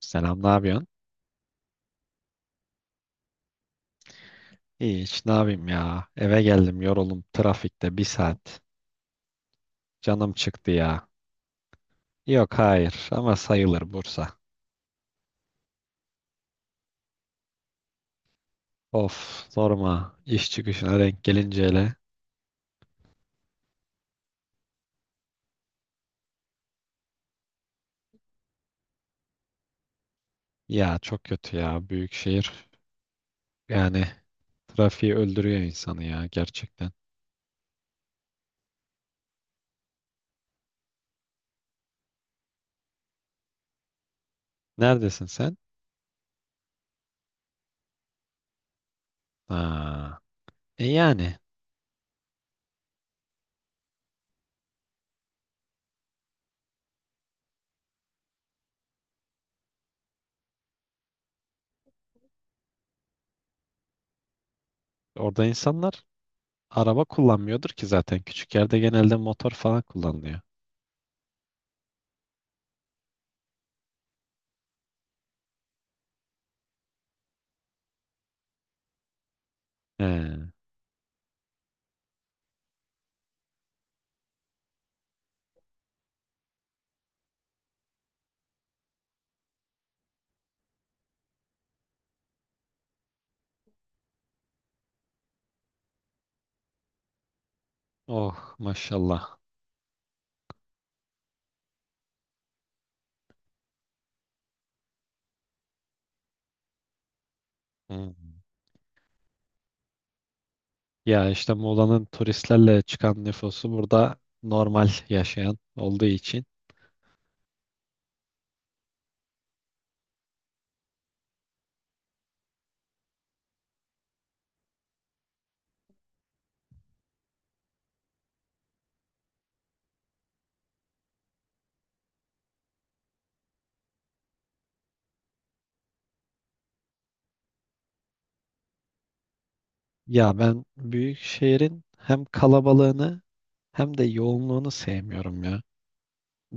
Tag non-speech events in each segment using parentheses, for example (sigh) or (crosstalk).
Selam, ne yapıyorsun? İyi, hiç ne yapayım ya. Eve geldim yoruldum trafikte bir saat. Canım çıktı ya. Yok hayır ama sayılır Bursa. Of sorma İş çıkışına denk gelince hele. Ya çok kötü ya büyük şehir. Yani trafiği öldürüyor insanı ya gerçekten. Neredesin sen? Ha, e yani orada insanlar araba kullanmıyordur ki zaten. Küçük yerde genelde motor falan kullanılıyor. He. Oh maşallah. Hmm. Ya işte Muğla'nın turistlerle çıkan nüfusu burada normal yaşayan olduğu için. Ya ben büyük şehrin hem kalabalığını hem de yoğunluğunu sevmiyorum ya.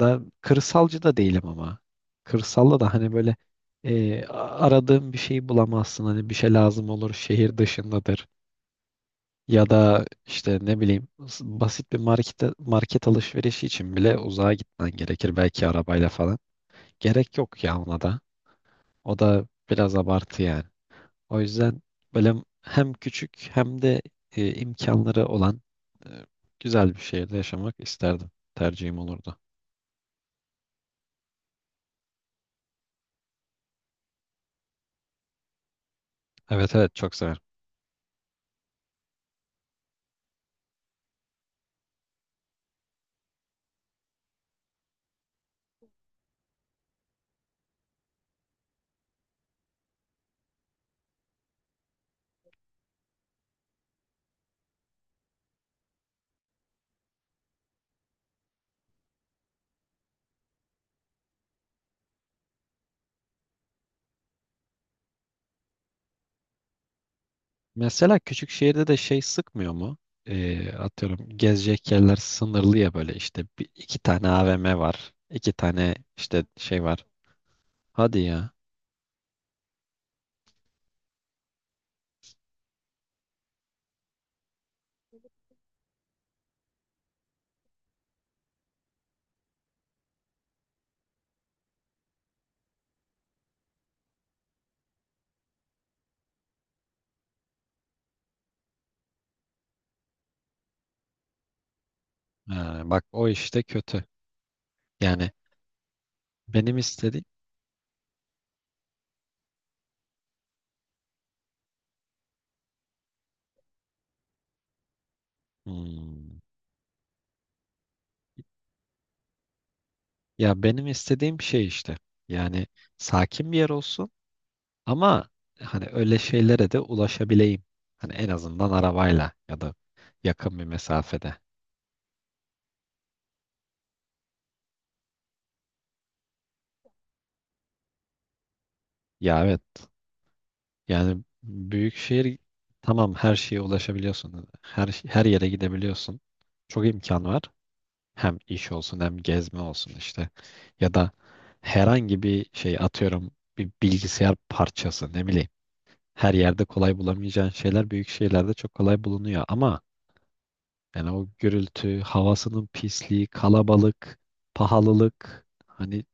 Da kırsalcı da değilim ama. Kırsalda da hani böyle aradığım bir şeyi bulamazsın. Hani bir şey lazım olur şehir dışındadır. Ya da işte ne bileyim basit bir market, market alışverişi için bile uzağa gitmen gerekir belki arabayla falan. Gerek yok ya ona da. O da biraz abartı yani. O yüzden böyle hem küçük hem de imkanları olan e, güzel bir şehirde yaşamak isterdim. Tercihim olurdu. Evet evet çok severim. Mesela küçük şehirde de şey sıkmıyor mu? E, atıyorum gezecek yerler sınırlı ya böyle işte bir, iki tane AVM var. İki tane işte şey var. Hadi ya. Ha, bak o işte kötü. Yani benim istediğim... Hmm. Ya benim istediğim şey işte. Yani sakin bir yer olsun ama hani öyle şeylere de ulaşabileyim. Hani en azından arabayla ya da yakın bir mesafede. Ya evet. Yani büyük şehir tamam her şeye ulaşabiliyorsun. Her yere gidebiliyorsun. Çok imkan var. Hem iş olsun hem gezme olsun işte. Ya da herhangi bir şey atıyorum bir bilgisayar parçası ne bileyim. Her yerde kolay bulamayacağın şeyler büyük şehirlerde çok kolay bulunuyor ama yani o gürültü, havasının pisliği, kalabalık, pahalılık hani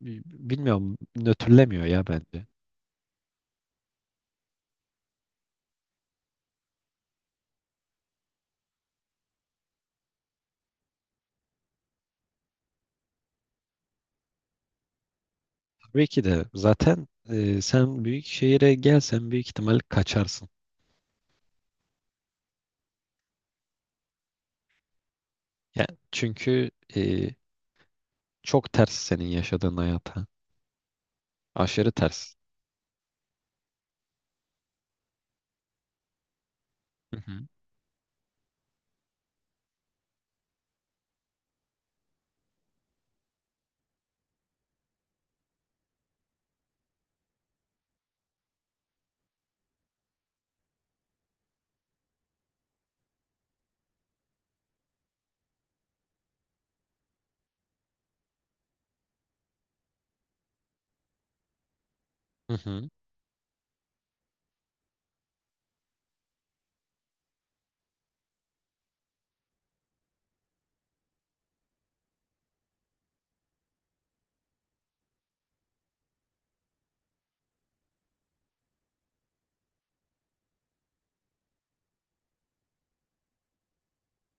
bilmiyorum nötrlemiyor ya bence. Tabii ki de zaten sen büyük şehire gelsen büyük ihtimal kaçarsın. Ya çünkü çok ters senin yaşadığın hayata. Aşırı ters. Hı hı. Hı hı.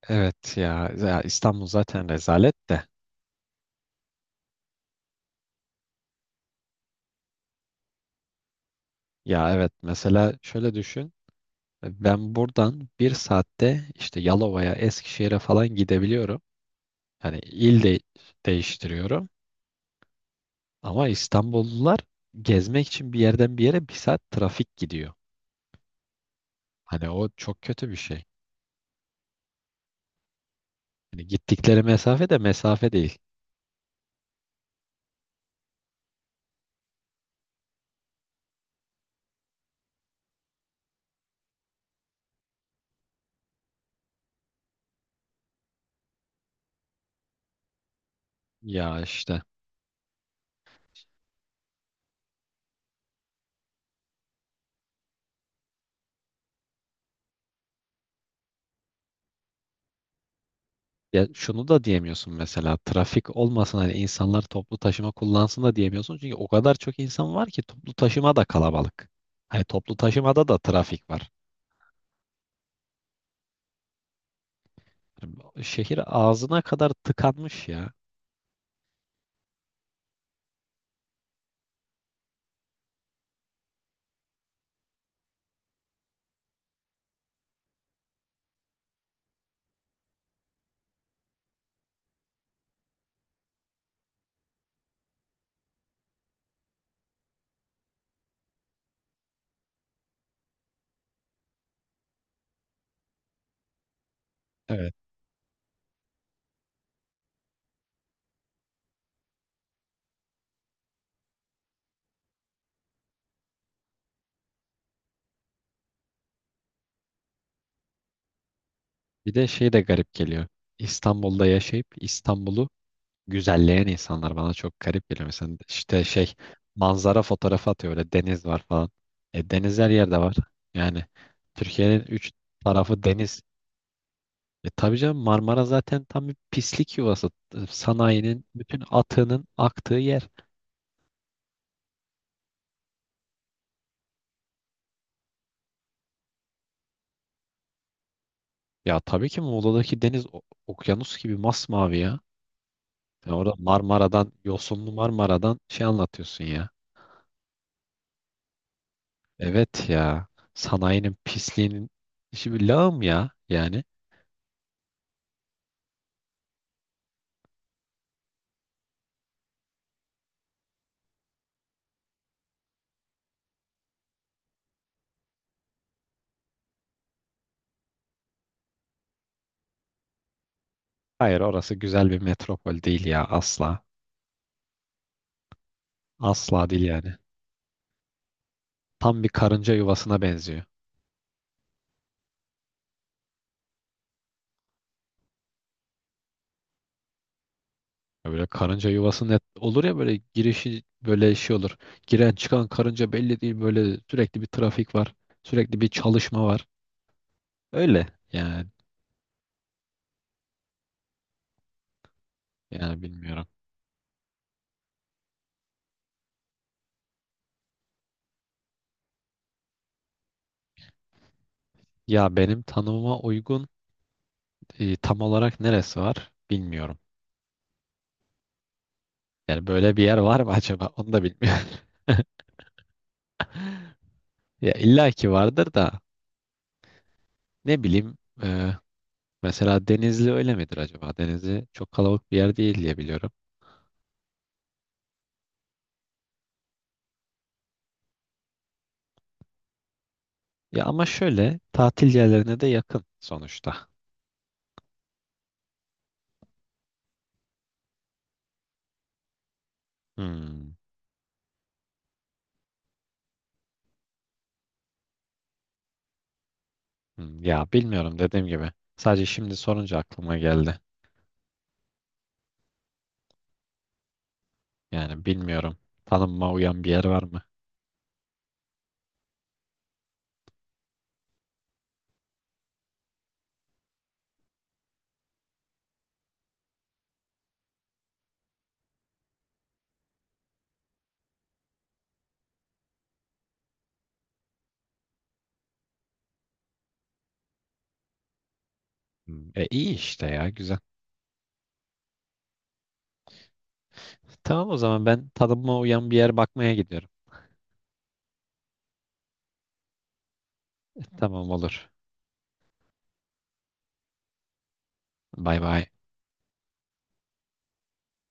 Evet ya, ya İstanbul zaten rezalet de. Ya evet mesela şöyle düşün. Ben buradan bir saatte işte Yalova'ya, Eskişehir'e falan gidebiliyorum. Hani il de değiştiriyorum ama İstanbullular gezmek için bir yerden bir yere bir saat trafik gidiyor. Hani o çok kötü bir şey. Hani gittikleri mesafe de mesafe değil. Ya işte ya şunu da diyemiyorsun mesela trafik olmasın hani insanlar toplu taşıma kullansın da diyemiyorsun. Çünkü o kadar çok insan var ki toplu taşıma da kalabalık. Hani toplu taşımada da trafik var. Yani şehir ağzına kadar tıkanmış ya. Evet. Bir de şey de garip geliyor. İstanbul'da yaşayıp İstanbul'u güzelleyen insanlar bana çok garip geliyor. Mesela işte şey manzara fotoğrafı atıyor öyle deniz var falan. E, deniz her yerde var. Yani Türkiye'nin üç tarafı deniz. E tabii canım Marmara zaten tam bir pislik yuvası. E, sanayinin bütün atığının aktığı yer. Ya tabii ki Muğla'daki deniz okyanus gibi masmavi ya. Sen orada Marmara'dan, yosunlu Marmara'dan şey anlatıyorsun ya. Evet ya. Sanayinin pisliğinin işi bir lağım ya yani. Hayır orası güzel bir metropol değil ya asla. Asla değil yani. Tam bir karınca yuvasına benziyor. Ya böyle karınca yuvası net olur ya böyle girişi böyle şey olur. Giren çıkan karınca belli değil böyle sürekli bir trafik var. Sürekli bir çalışma var. Öyle yani yani bilmiyorum. Ya benim tanımıma uygun tam olarak neresi var bilmiyorum. Yani böyle bir yer var mı acaba onu da bilmiyorum. (laughs) Ya illa ki vardır da ne bileyim e, mesela Denizli öyle midir acaba? Denizli çok kalabalık bir yer değil diye biliyorum. Ya ama şöyle tatil yerlerine de yakın sonuçta. Hmm, hmm. Ya bilmiyorum dediğim gibi. Sadece şimdi sorunca aklıma geldi. Yani bilmiyorum. Tanınma uyan bir yer var mı? Hmm, e iyi işte ya güzel. Tamam o zaman ben tanınma uyan bir yer bakmaya gidiyorum. E, tamam olur. Bay bay.